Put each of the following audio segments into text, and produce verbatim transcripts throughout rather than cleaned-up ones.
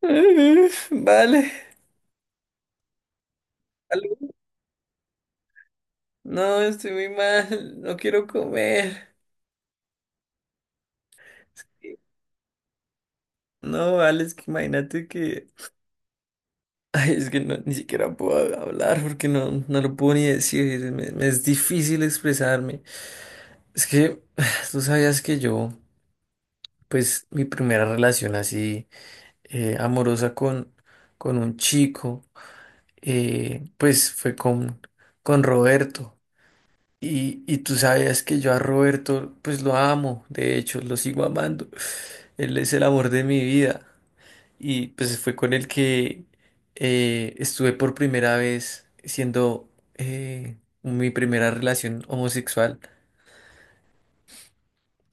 Eh, Vale, algo. No, estoy muy mal, no quiero comer. No, vale, es que imagínate que... Ay, es que no, ni siquiera puedo hablar porque no, no lo puedo ni decir, me, me es difícil expresarme. Es que tú sabías que yo, pues mi primera relación así eh, amorosa con, con un chico, eh, pues fue con, con Roberto. Y, y tú sabías que yo a Roberto, pues lo amo, de hecho, lo sigo amando. Él es el amor de mi vida. Y pues fue con el que eh, estuve por primera vez siendo eh, mi primera relación homosexual.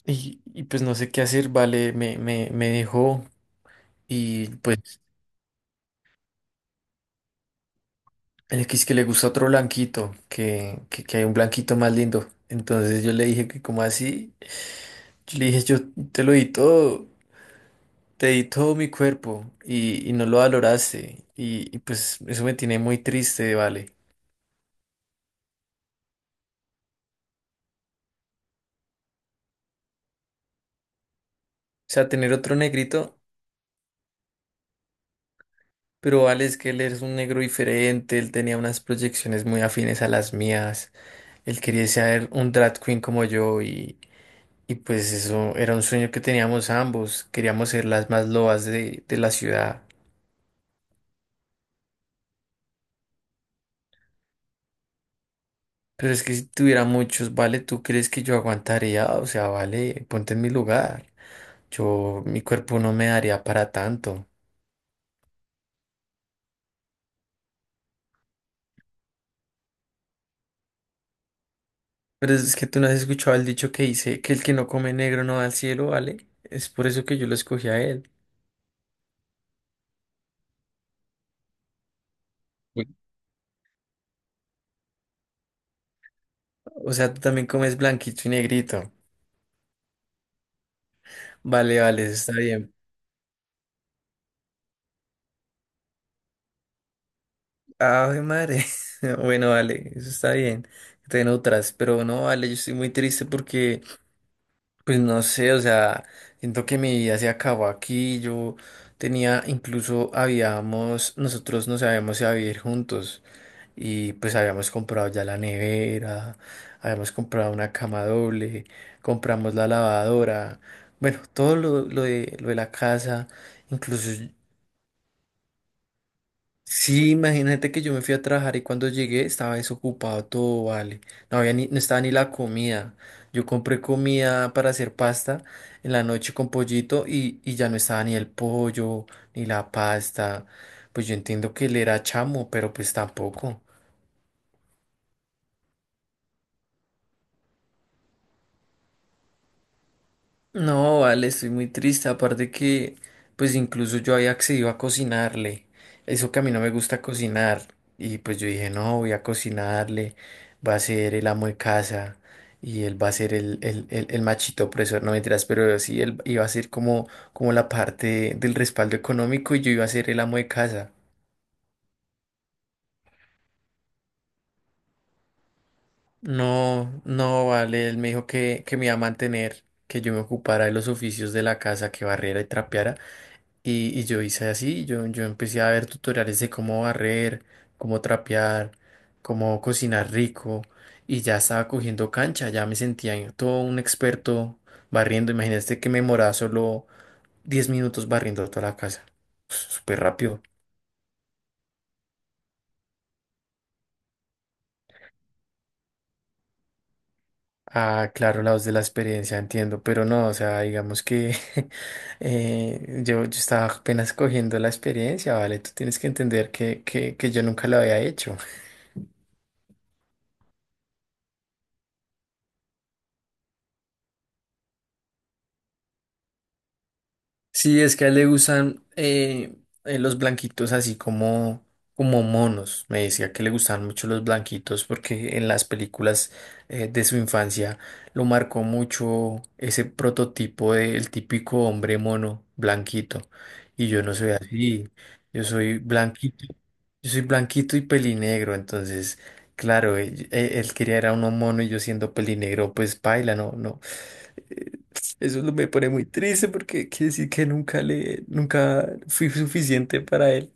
Y, y, pues no sé qué hacer, vale, me, me, me dejó. Y pues el que es que le gusta otro blanquito, que, que, que hay un blanquito más lindo. Entonces yo le dije que como así, yo le dije yo te lo di todo. Te di todo mi cuerpo y, y no lo valoraste. Y, y pues eso me tiene muy triste, Vale. O sea, tener otro negrito, pero Vale es que él es un negro diferente, él tenía unas proyecciones muy afines a las mías, él quería ser un drag queen como yo y, y pues eso era un sueño que teníamos ambos, queríamos ser las más lobas de, de la ciudad. Pero es que si tuviera muchos, Vale, ¿tú crees que yo aguantaría? O sea, Vale, ponte en mi lugar. Yo, mi cuerpo no me daría para tanto. Pero es que tú no has escuchado el dicho que dice que el que no come negro no va al cielo, ¿vale? Es por eso que yo lo escogí a él. Bueno, o sea, tú también comes blanquito y negrito. Vale, vale, eso está bien. Ave madre. Bueno, vale, eso está bien. Te otras, pero no, vale, yo estoy muy triste porque, pues no sé, o sea, siento que mi vida se acabó aquí. Yo tenía, incluso habíamos, nosotros nos habíamos si a vivir juntos. Y pues habíamos comprado ya la nevera, habíamos comprado una cama doble, compramos la lavadora, bueno, todo lo, lo de, lo de la casa, incluso, yo- sí, imagínate que yo me fui a trabajar y cuando llegué estaba desocupado todo, vale, no había ni, no estaba ni la comida, yo compré comida para hacer pasta en la noche con pollito y, y ya no estaba ni el pollo, ni la pasta, pues yo entiendo que él era chamo, pero pues tampoco. No, vale, estoy muy triste. Aparte que, pues incluso yo había accedido a cocinarle. Eso que a mí no me gusta cocinar. Y pues yo dije, no, voy a cocinarle. Va a ser el amo de casa. Y él va a ser el, el, el, el machito opresor. No mentiras, pero sí, él iba a ser como, como la parte del respaldo económico y yo iba a ser el amo de casa. No, no, vale. Él me dijo que, que me iba a mantener, que yo me ocupara de los oficios de la casa, que barriera y trapeara. Y, y yo hice así, yo, yo empecé a ver tutoriales de cómo barrer, cómo trapear, cómo cocinar rico y ya estaba cogiendo cancha, ya me sentía en- todo un experto barriendo. Imagínate que me moraba solo diez minutos barriendo toda la casa, súper rápido. Ah, claro, la voz de la experiencia, entiendo, pero no, o sea, digamos que eh, yo, yo estaba apenas cogiendo la experiencia, ¿vale? Tú tienes que entender que, que, que yo nunca lo había hecho. Sí, es que a él le gustan eh, eh, los blanquitos así como, como monos. Me decía que le gustaban mucho los blanquitos porque en las películas eh, de su infancia lo marcó mucho ese prototipo del típico hombre mono blanquito. Y yo no soy así. Yo soy blanquito. Yo soy blanquito y pelinegro. Entonces, claro, él, él- él quería era uno mono y yo siendo pelinegro, pues paila, no, no. Eh, Eso lo- me pone muy triste porque quiere decir que nunca le, nunca fui suficiente para él.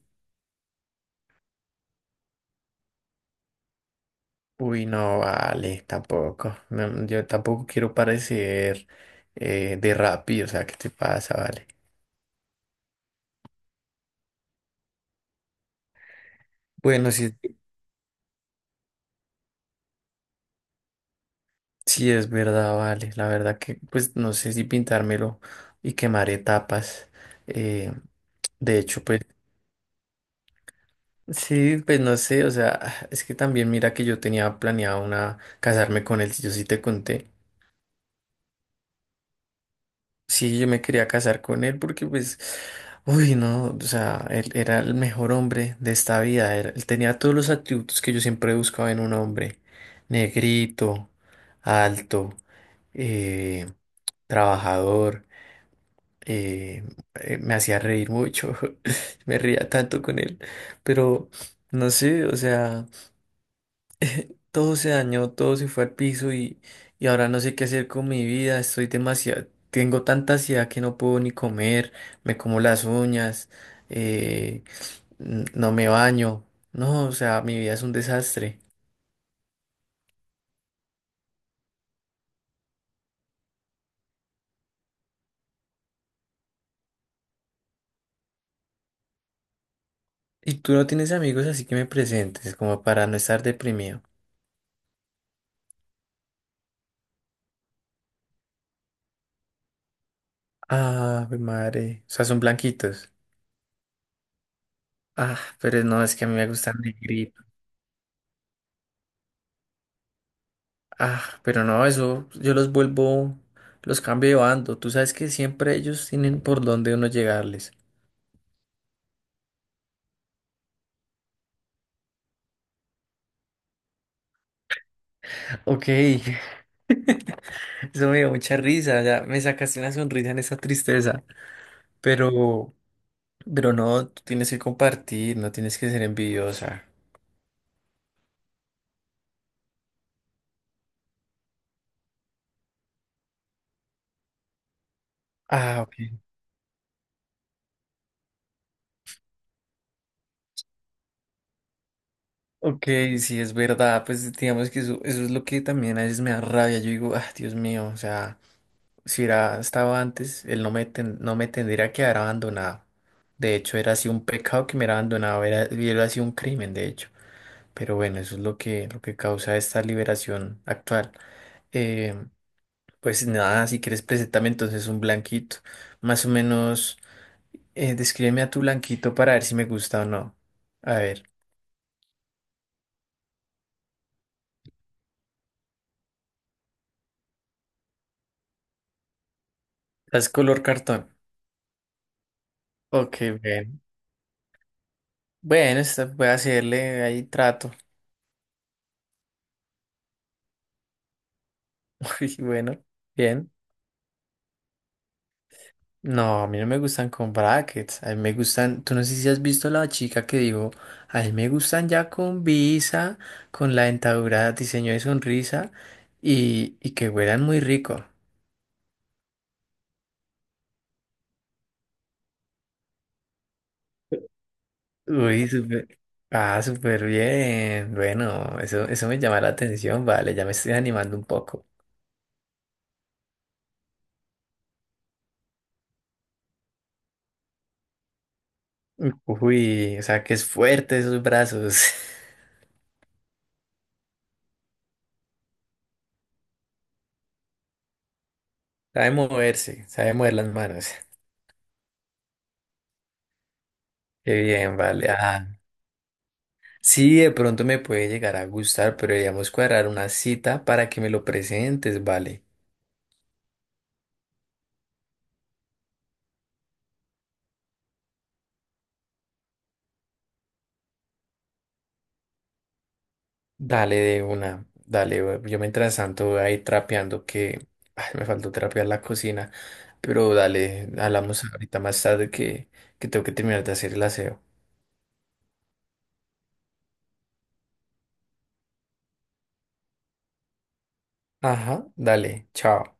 Uy, no vale, tampoco. No, yo tampoco quiero parecer eh, de Rappi, o sea, ¿qué te pasa, vale? Bueno, sí, sí es verdad, vale. La verdad que, pues, no sé si pintármelo y quemar etapas. Eh, de hecho, pues, sí, pues no sé, o sea, es que también mira que yo tenía planeado una casarme con él, si yo sí te conté. Sí, yo me quería casar con él porque pues, uy, no, o sea, él era el mejor hombre de esta vida, era- él tenía todos los atributos que yo siempre buscaba en un hombre, negrito, alto, eh, trabajador, eh, eh, me hacía reír mucho, me reía tanto con él, pero no sé, o sea... Todo se dañó, todo se fue al piso y, y ahora no sé qué hacer con mi vida. Estoy demasiado, tengo tanta ansiedad que no puedo ni comer, me como las uñas, eh, n- no me baño. No, o sea, mi vida es un desastre. Y tú no tienes amigos, así que me presentes, como para no estar deprimido. Ah, mi madre. O sea, son blanquitos. Ah, pero no, es que a mí me gustan negritos. Ah, pero no, eso, yo los vuelvo, los cambio de bando. Tú sabes que siempre ellos tienen por dónde uno llegarles. Ok, eso me dio mucha risa, ya me sacaste una sonrisa en esa tristeza, pero, pero no, tú tienes que compartir, no tienes que ser envidiosa. Ah, ok. Ok, sí, es verdad, pues digamos que eso, eso es lo que también a veces me da rabia, yo digo, ah, Dios mío, o sea, si era, estaba antes, él no me, ten- no me tendría que haber abandonado. De hecho, era así un pecado que me hubiera abandonado, era, hubiera sido un crimen, de hecho. Pero bueno, eso es lo que, lo que causa esta liberación actual. Eh, pues nada, si quieres, preséntame entonces un blanquito. Más o menos, eh, descríbeme a tu blanquito para ver si me gusta o no. A ver, es color cartón. Ok, bien. Bueno, esta- voy a hacerle ahí trato. Uy, bueno, bien. No, a mí no me gustan con brackets, a mí me gustan, tú no sé si has visto la chica que digo, a mí me gustan ya con visa, con la dentadura, diseño de sonrisa y, y que huelan muy rico. Uy, súper, ah, súper bien, bueno, eso, eso me llama la atención, vale, ya me estoy animando un poco. Uy, o sea que es fuerte esos brazos, sabe moverse, sabe mover las manos. Qué bien, vale, ah. Sí, de pronto me puede llegar a gustar, pero deberíamos cuadrar una cita para que me lo presentes, vale. Dale de una, dale. we- Yo mientras tanto voy a ir trapeando que ay, me faltó trapear la cocina, pero dale, hablamos ahorita más tarde que, que tengo que terminar de hacer el aseo. Ajá, dale, chao.